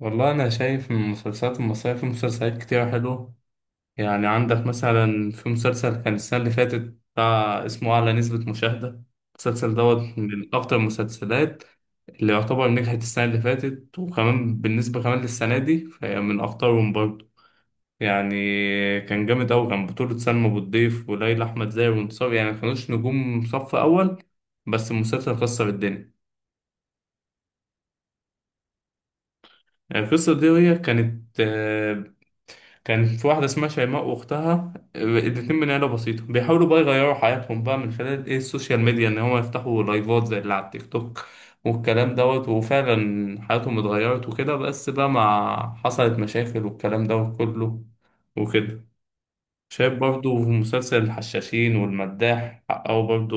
والله أنا شايف من المسلسلات المصرية في مسلسلات كتيرة حلوة. يعني عندك مثلا في مسلسل كان السنة اللي فاتت، بتاع اسمه أعلى نسبة مشاهدة. المسلسل دوت من أكتر المسلسلات اللي يعتبر نجحت السنة اللي فاتت، وكمان بالنسبة كمان للسنة دي فهي من أخطرهم برضه. يعني كان جامد أوي، كان بطولة سلمى أبو الضيف وليلى أحمد زاهر وانتصار، يعني ما كانوش نجوم صف أول، بس المسلسل كسر الدنيا. يعني القصة دي هي كانت كان في واحدة اسمها شيماء وأختها الاتنين من عيلة بسيطة، بيحاولوا بقى يغيروا حياتهم بقى من خلال إيه السوشيال ميديا، إن هما يفتحوا لايفات زي اللي على التيك توك. والكلام دوت وفعلا حياتهم اتغيرت وكده، بس بقى مع حصلت مشاكل والكلام دوت كله وكده. شايف برضو في مسلسل الحشاشين والمداح حققوا برضو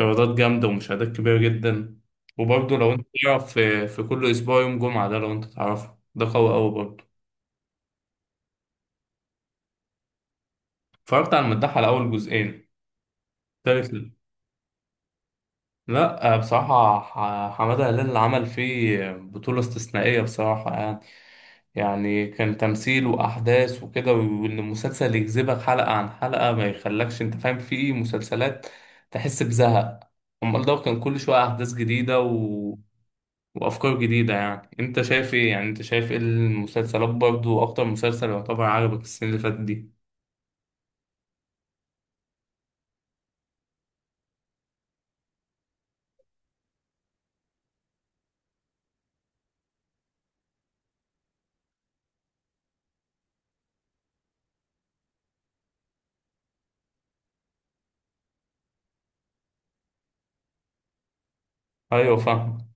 إيرادات جامدة ومشاهدات كبيرة جدا. وبرضو لو أنت تعرف في كل أسبوع يوم جمعة ده، لو أنت تعرفه ده قوي أوي برضو. اتفرجت على المداح على أول جزئين. تالت لا، بصراحة، حمادة هلال اللي عمل فيه بطولة استثنائية بصراحة يعني. يعني كان تمثيل وأحداث وكده، وإن المسلسل يجذبك حلقة عن حلقة، ما يخلكش أنت فاهم في مسلسلات تحس بزهق. أمال ده كان كل شوية أحداث جديدة وأفكار جديدة. يعني أنت شايف إيه؟ يعني أنت شايف إيه المسلسلات برضو، أكتر مسلسل يعتبر عجبك السنة اللي فاتت دي؟ أيوة فاهم.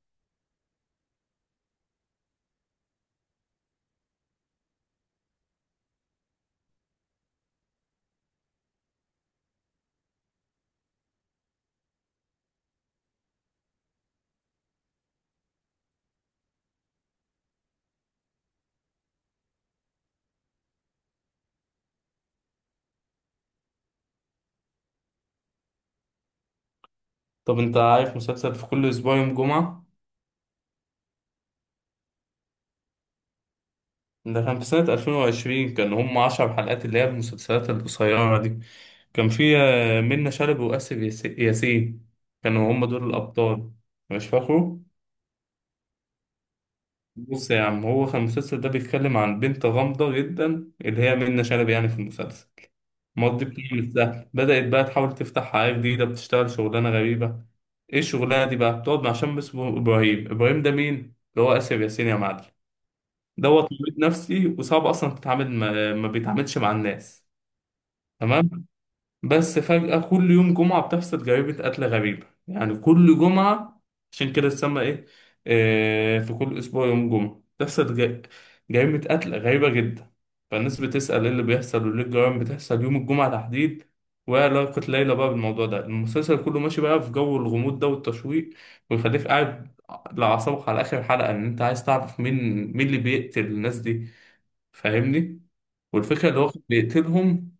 طب أنت عارف مسلسل في كل أسبوع يوم جمعة؟ ده كان في سنة 2020، كان هم 10 حلقات، اللي هي المسلسلات القصيرة دي. كان في منة شلبي وآسف ياس- ياسين، كانوا هم دول الأبطال. مش فاكره. بص يا عم، هو كان المسلسل ده بيتكلم عن بنت غامضة جدا، اللي هي منة شلبي يعني في المسلسل. ماضي بتعمل سهل، بدأت بقى تحاول تفتح حياة جديدة، بتشتغل شغلانة غريبة. ايه الشغلانة دي بقى؟ بتقعد مع شاب اسمه إبراهيم. إبراهيم ده مين؟ اللي هو آسف ياسين يا معلم. دوت مريض نفسي وصعب أصلا تتعامل، ما بيتعاملش مع الناس. تمام. بس فجأة كل يوم جمعة بتحصل جريمة قتل غريبة، يعني كل جمعة، عشان كده تسمى إيه؟ آه، في كل أسبوع يوم جمعة بتحصل جريمة قتل غريبة جدا. فالناس بتسأل إيه اللي بيحصل، وليه الجرائم بتحصل يوم الجمعة تحديد، وإيه علاقة ليلى بقى بالموضوع ده؟ المسلسل كله ماشي بقى في جو الغموض ده والتشويق، ويخليك قاعد لأعصابك على آخر حلقة، إن أنت عايز تعرف مين، مين اللي بيقتل الناس دي. فاهمني؟ والفكرة اللي هو بيقتلهم،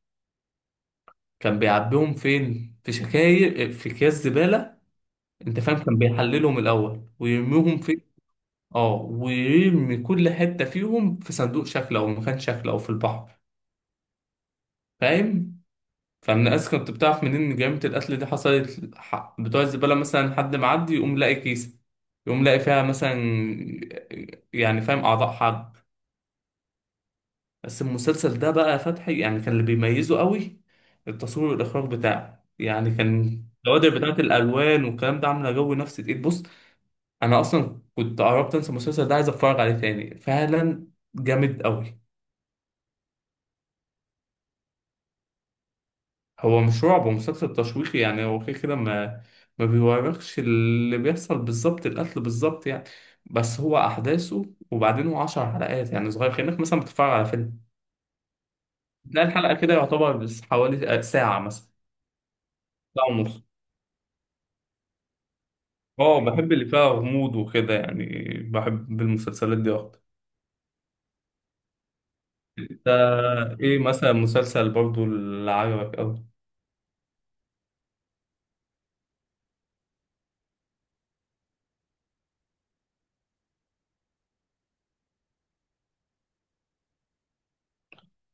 كان بيعبيهم فين؟ في شكاير، في اكياس زبالة. انت فاهم، كان بيحللهم الاول ويرميهم في، اه، ويرمي كل حتة فيهم في صندوق شكل او مكان شكل او في البحر. فاهم؟ فمن الناس كنت بتعرف منين ان جريمة القتل دي حصلت؟ بتوع الزبالة مثلا، حد معدي يقوم لاقي كيسة، يقوم لاقي فيها مثلا، يعني فاهم، اعضاء حد. بس المسلسل ده بقى يا فتحي، يعني كان اللي بيميزه قوي التصوير والإخراج بتاعه، يعني كان الكوادر بتاعت الألوان والكلام ده عاملة جو نفسي تقيل. بص، أنا أصلا كنت قربت أنسى المسلسل ده، عايز أتفرج عليه تاني فعلا. جامد قوي. هو مش رعب، هو مسلسل تشويقي، يعني هو كده كده ما بيوريكش اللي بيحصل بالظبط، القتل بالظبط يعني. بس هو أحداثه، وبعدين هو 10 حلقات، يعني صغير كأنك مثلا بتتفرج على فيلم. تلاقي الحلقة كده يعتبر بس حوالي ساعة مثلا، ساعة ونص. اه، بحب اللي فيها غموض وكده يعني، بحب المسلسلات دي اكتر. انت ايه مثلا مسلسل برضو اللي عجبك اوي؟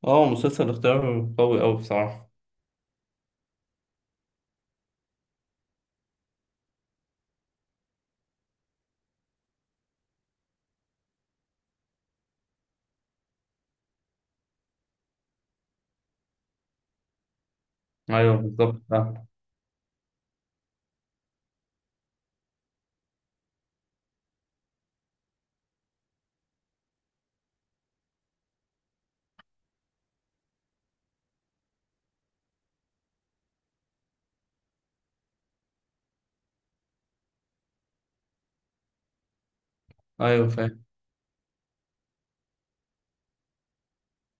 اه، مسلسل اختيار قوي اوي بصراحة. ايوه بالظبط فاهم. ايوه فاهم.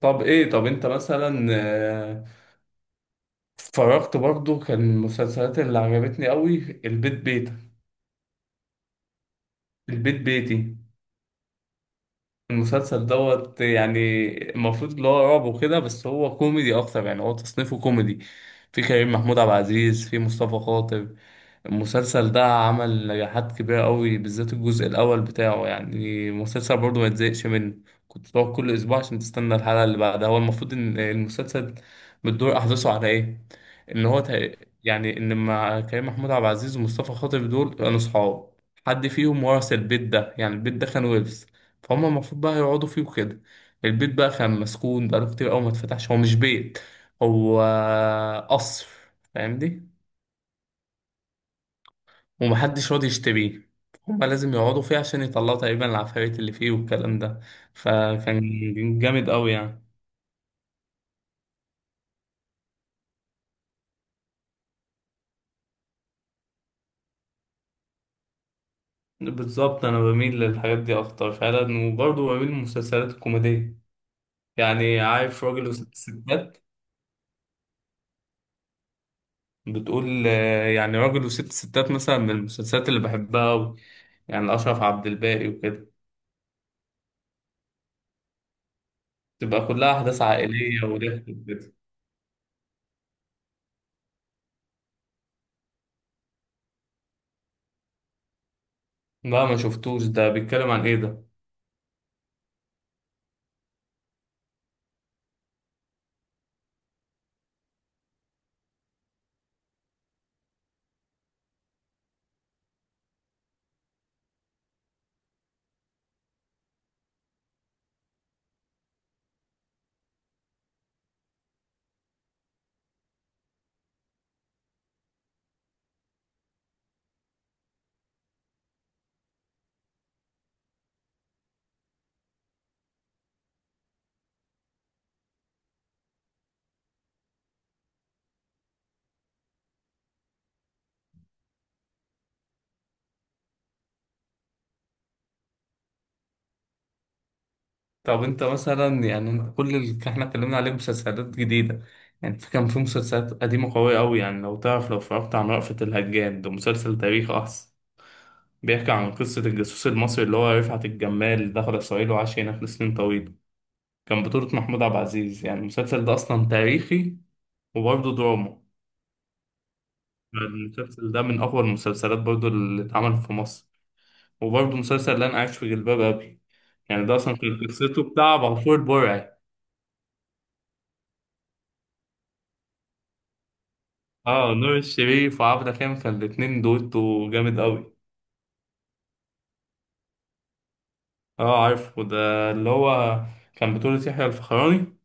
طب ايه، طب انت مثلا اتفرجت برضو كان المسلسلات اللي عجبتني اوي، البيت بيتك، البيت بيتي. المسلسل دوت يعني المفروض اللي هو رعب وكده، بس هو كوميدي اكتر، يعني هو تصنيفه كوميدي. في كريم محمود عبد العزيز، في مصطفى خاطر. المسلسل ده عمل نجاحات كبيرة قوي، بالذات الجزء الأول بتاعه، يعني المسلسل برضه ما يتزهقش منه. كنت بقعد كل أسبوع عشان تستنى الحلقة اللي بعدها. هو المفروض إن المسلسل بتدور أحداثه على إيه؟ إن هو يعني إن مع كريم محمود عبد العزيز ومصطفى خاطر دول كانوا صحاب، حد فيهم ورث البيت ده، يعني البيت ده كان ورث، فهم المفروض بقى يقعدوا فيه وكده. البيت بقى كان مسكون، بقاله كتير أوي ما اتفتحش. هو مش بيت، هو قصر. فاهم دي؟ ومحدش راضي يشتريه. هما لازم يقعدوا فيه عشان يطلعوا تقريبا العفاريت اللي فيه والكلام ده. فكان جامد قوي يعني. بالظبط، انا بميل للحاجات دي اكتر فعلا، وبرضه بميل للمسلسلات الكوميديه. يعني عارف راجل وست ستات؟ بتقول يعني راجل وست ستات مثلا من المسلسلات اللي بحبها قوي، يعني اشرف عبد الباقي وكده. تبقى كلها احداث عائليه وضحك وكده. لا ما شفتوش، ده بيتكلم عن ايه ده؟ طب انت مثلا يعني، انت كل اللي احنا اتكلمنا عليه مسلسلات جديدة، يعني في كان في مسلسلات قديمة قوية أوي. يعني لو تعرف لو اتفرجت عن رأفت الهجان، ده مسلسل تاريخ أصلا، بيحكي عن قصة الجاسوس المصري اللي هو رفعت الجمال، دخل إسرائيل وعاش هناك لسنين طويلة، كان بطولة محمود عبد العزيز. يعني المسلسل ده أصلا تاريخي وبرضه دراما. المسلسل ده من أقوى المسلسلات برضه اللي اتعمل في مصر. وبرضه مسلسل اللي أنا عايش في جلباب أبي. يعني ده أصلا كانت قصته بتاع عبد الغفور البرعي. اه، نور الشريف وعبده كامل، كان الاتنين دويتو جامد قوي. اه عارف، وده اللي هو كان بطولة يحيى الفخراني، اللي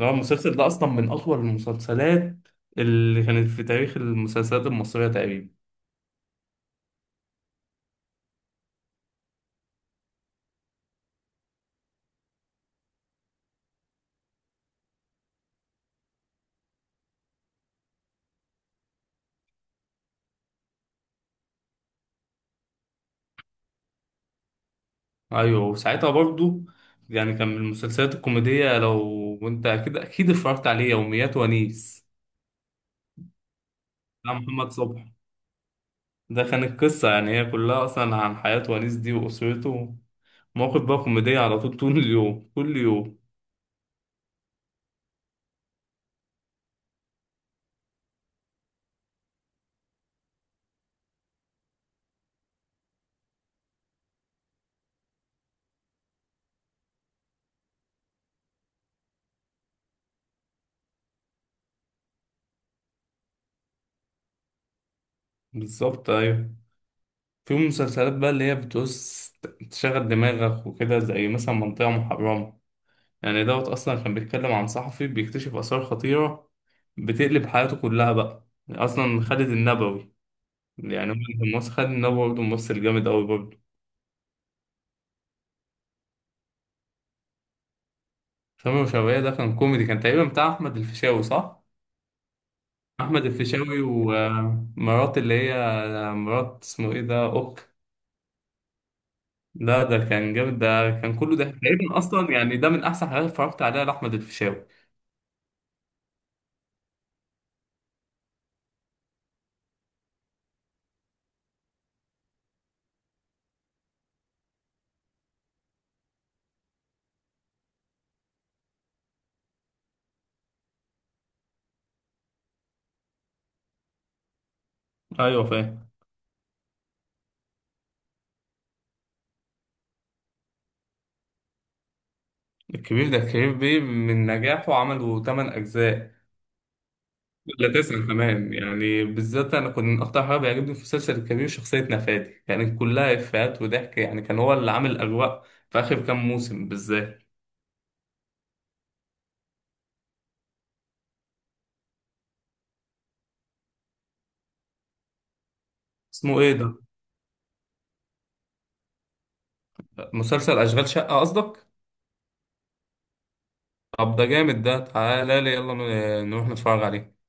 هو المسلسل ده اصلا من اطول المسلسلات اللي كانت في تاريخ المسلسلات المصرية تقريبا. ايوه، وساعتها برضو يعني كان من المسلسلات الكوميدية لو انت اكيد اكيد اتفرجت عليه يوميات ونيس بتاع محمد صبحي. ده كان القصة يعني هي كلها اصلا عن حياة ونيس دي واسرته، مواقف بقى كوميدية على طول، طول اليوم كل يوم. بالظبط ايوه. في مسلسلات بقى اللي هي بتوس تشغل دماغك وكده، زي مثلا منطقة محرمة. يعني دوت أصلا كان بيتكلم عن صحفي بيكتشف آثار خطيرة، بتقلب حياته كلها بقى أصلا. خالد النبوي، يعني هو كان ممثل خالد النبوي برضه ممثل جامد أوي برضه. سامي وشوية، ده كان كوميدي، كان تقريبا بتاع أحمد الفيشاوي صح؟ أحمد الفيشاوي ومرات اللي هي، مرات اسمه إيه ده؟ أوك. لا ده كان جامد، ده كان كله ده تقريبا أصلا، يعني ده من أحسن حاجات اتفرجت عليها لأحمد الفيشاوي. أيوه فاهم. الكبير، ده كبير بيه من نجاحه عملوا 8 أجزاء. لا تسعة كمان، يعني بالذات أنا كنت أكتر حاجة بيعجبني في مسلسل الكبير شخصية نفادي، يعني كلها إفيهات وضحك، يعني كان هو اللي عامل الأجواء في آخر كام موسم بالذات. اسمه إيه ده؟ مسلسل أشغال شقة قصدك؟ طب ده جامد، ده تعالى لي يلا نروح نتفرج عليه.